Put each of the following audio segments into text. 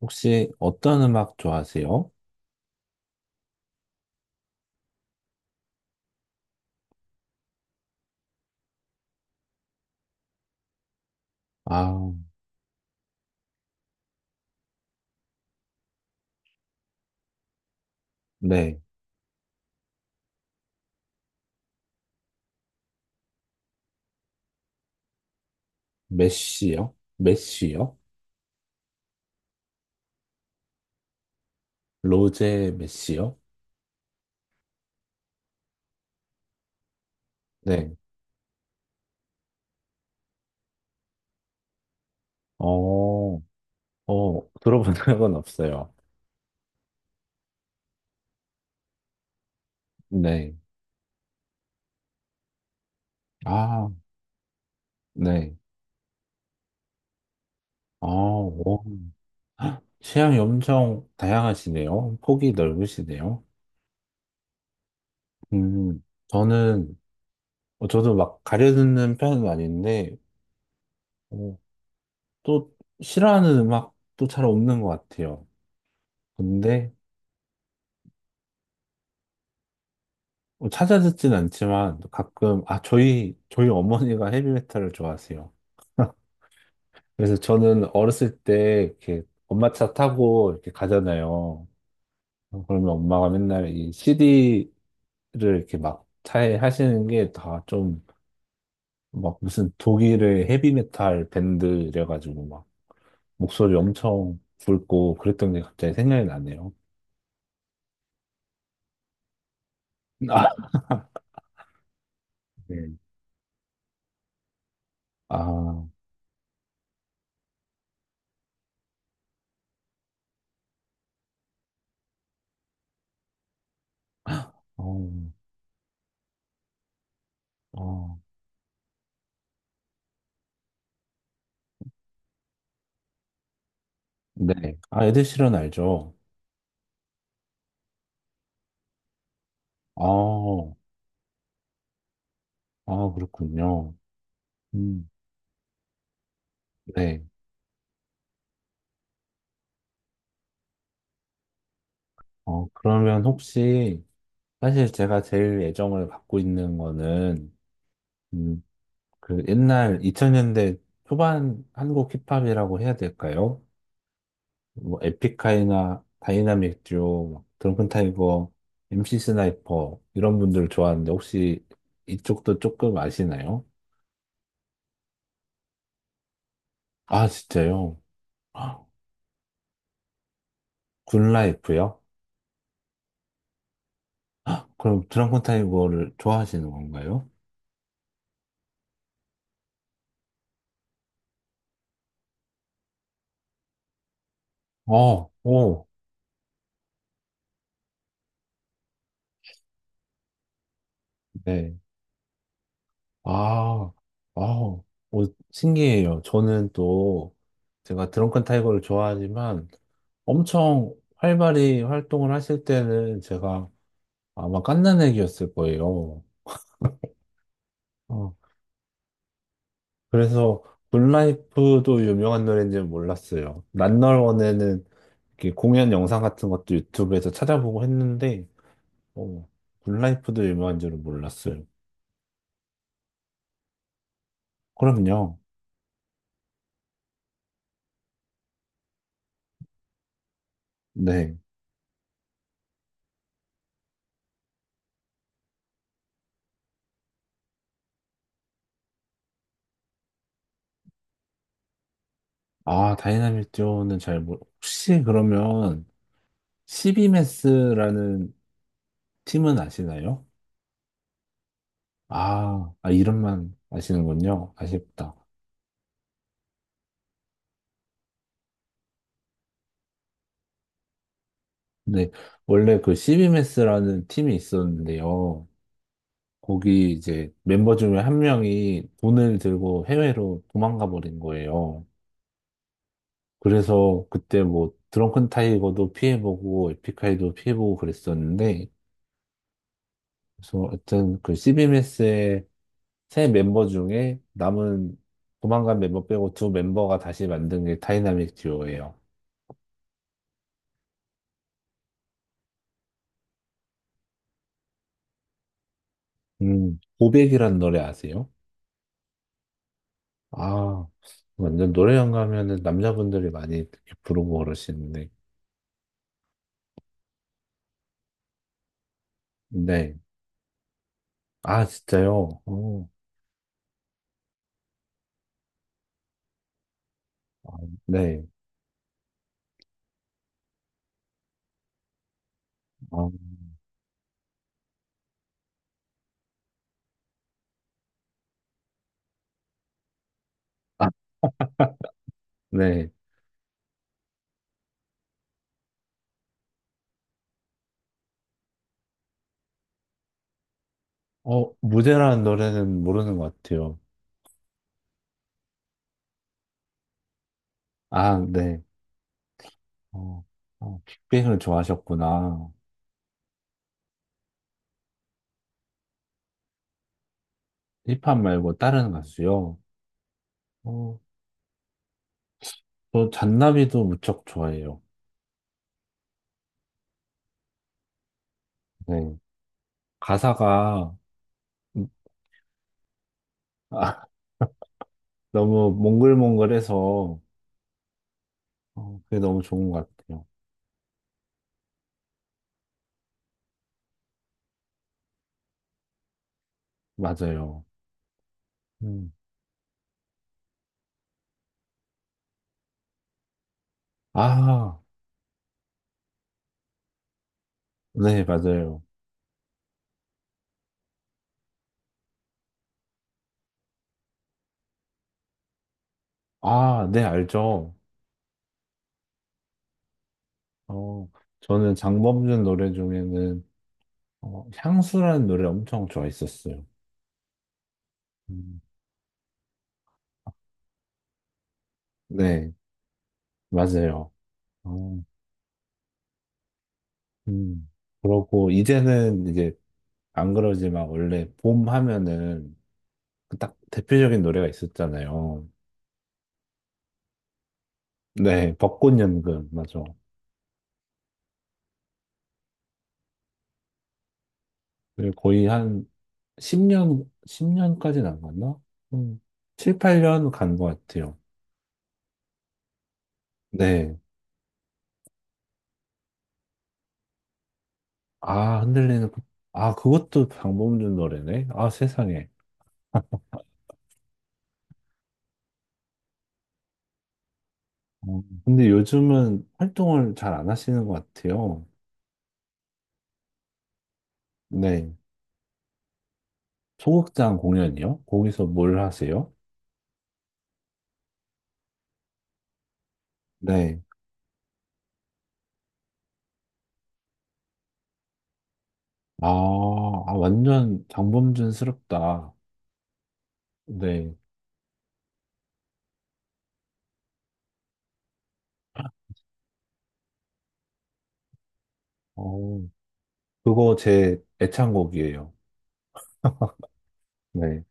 혹시 어떤 음악 좋아하세요? 아, 네. 메시요? 메시요? 로제 메시요? 네. 어, 들어본 적은 없어요. 네. 아, 네. 아, 오. 헉, 취향이 엄청 다양하시네요. 폭이 넓으시네요. 저는, 저도 막 가려듣는 편은 아닌데, 어, 또 싫어하는 음악도 잘 없는 것 같아요. 근데, 뭐 찾아듣진 않지만 가끔 저희 어머니가 헤비메탈을 좋아하세요. 그래서 저는 어렸을 때 이렇게 엄마 차 타고 이렇게 가잖아요. 그러면 엄마가 맨날 이 CD를 이렇게 막 차에 하시는 게 다 좀 막 무슨 독일의 헤비메탈 밴드 래가지고 막 목소리 엄청 굵고 그랬던 게 갑자기 생각이 나네요. 아, 네. 아, 어, 어, 네. 아, 에드 시런 알죠? 아, 아, 그렇군요. 음, 네. 그러면 혹시, 사실 제가 제일 애정을 갖고 있는 거는, 음, 그 옛날 2000년대 초반 한국 힙합이라고 해야 될까요? 뭐, 에픽하이나 다이나믹 듀오, 막 드렁큰 타이거, MC 스나이퍼, 이런 분들 좋아하는데, 혹시 이쪽도 조금 아시나요? 아, 진짜요? 아, 굿라이프요? 아, 그럼 드렁큰 타이거를 좋아하시는 건가요? 어, 오, 네. 아, 아우, 어, 신기해요. 저는 또 제가 드렁큰 타이거를 좋아하지만 엄청 활발히 활동을 하실 때는 제가 아마 갓난애기였을 거예요. 어, 그래서 굿라이프도 유명한 노래인지는 몰랐어요. 난널원에는 이렇게 공연 영상 같은 것도 유튜브에서 찾아보고 했는데, 어, 굿라이프도 유명한 줄은 몰랐어요. 그럼요. 네. 아, 다이나믹 듀오는 잘 모르, 혹시 그러면 시비메스라는 팀은 아시나요? 아, 아, 이름만 아시는군요. 아쉽다. 근데 원래 그 시비메스라는 팀이 있었는데요. 거기 이제 멤버 중에 한 명이 돈을 들고 해외로 도망가 버린 거예요. 그래서 그때 뭐 드렁큰 타이거도 피해보고 에픽하이도 피해보고 그랬었는데 그래서 하여튼 그 시비메스의 세 멤버 중에 남은 도망간 멤버 빼고 두 멤버가 다시 만든 게 다이나믹 듀오예요. 고백이라는 노래 아세요? 아, 완전 노래방 가면은 남자분들이 많이 이렇게 부르고 그러시는데. 네. 아, 진짜요? 어, 아, 네. 어, 아, 네. 무대라는 노래는 모르는 것 같아요. 아, 네. 어, 어, 빅뱅을 좋아하셨구나. 힙합 말고 다른 가수요? 어, 저 잔나비도 무척 좋아해요. 네. 가사가, 음, 아, 너무 몽글몽글해서, 그게 너무 좋은 것 같아요. 맞아요. 음. 아, 네, 맞아요. 아, 네, 알죠. 어, 저는 장범준 노래 중에는 향수라는 노래 엄청 좋아했었어요. 음, 네, 맞아요. 어, 음. 그러고 이제는 이제 안 그러지만 원래 봄 하면은 그딱 대표적인 노래가 있었잖아요. 네, 벚꽃연금, 맞아. 그게 거의 한 10년, 10년까지는 안 갔나? 음, 7, 8년 간 것 같아요. 네. 아, 흔들리는, 꽃. 아, 그것도 방범준 노래네. 아, 세상에. 근데 요즘은 활동을 잘 안 하시는 것 같아요. 네. 소극장 공연이요? 거기서 뭘 하세요? 네. 아, 아, 완전 장범준스럽다. 네. 어, 그거 제 애창곡이에요. 네.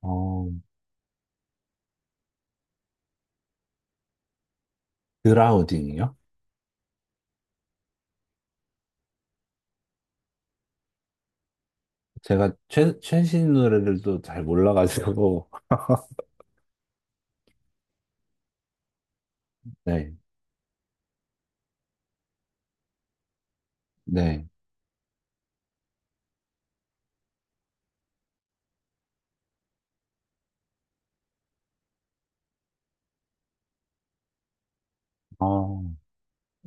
어, 그라우딩이요? 제가 최, 최신 노래들도 잘 몰라가지고. 네. 네. 아,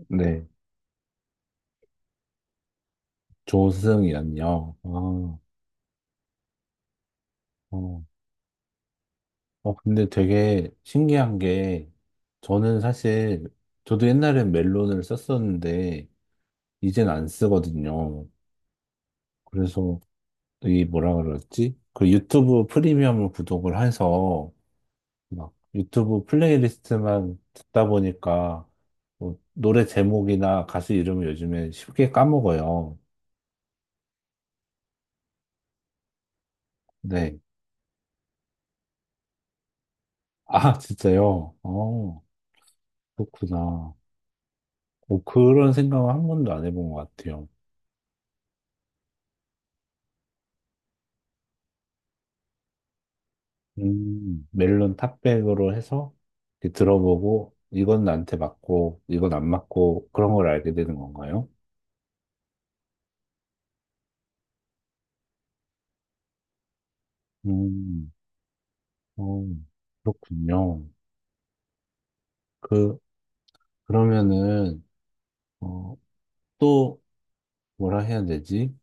네. 조승이란요. 아, 어. 근데 되게 신기한 게, 저는 사실, 저도 옛날엔 멜론을 썼었는데, 이젠 안 쓰거든요. 그래서, 이 뭐라 그러지? 그 유튜브 프리미엄을 구독을 해서, 막 유튜브 플레이리스트만 듣다 보니까, 뭐 노래 제목이나 가수 이름을 요즘에 쉽게 까먹어요. 네. 아, 진짜요? 어, 그렇구나. 뭐 그런 생각은 한 번도 안 해본 것 같아요. 멜론 탑백으로 해서 이렇게 들어보고, 이건 나한테 맞고, 이건 안 맞고, 그런 걸 알게 되는 건가요? 음, 어, 그렇군요. 그, 그러면은, 어, 또, 뭐라 해야 되지?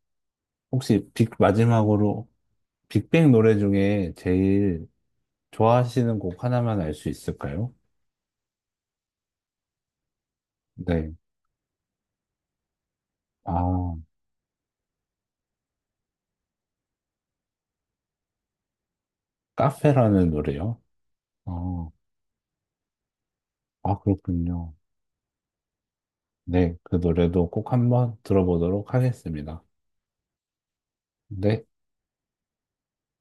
혹시 빅, 마지막으로 빅뱅 노래 중에 제일 좋아하시는 곡 하나만 알 수 있을까요? 네. 아, 카페라는 노래요? 어, 아, 그렇군요. 네, 그 노래도 꼭 한번 들어보도록 하겠습니다. 네.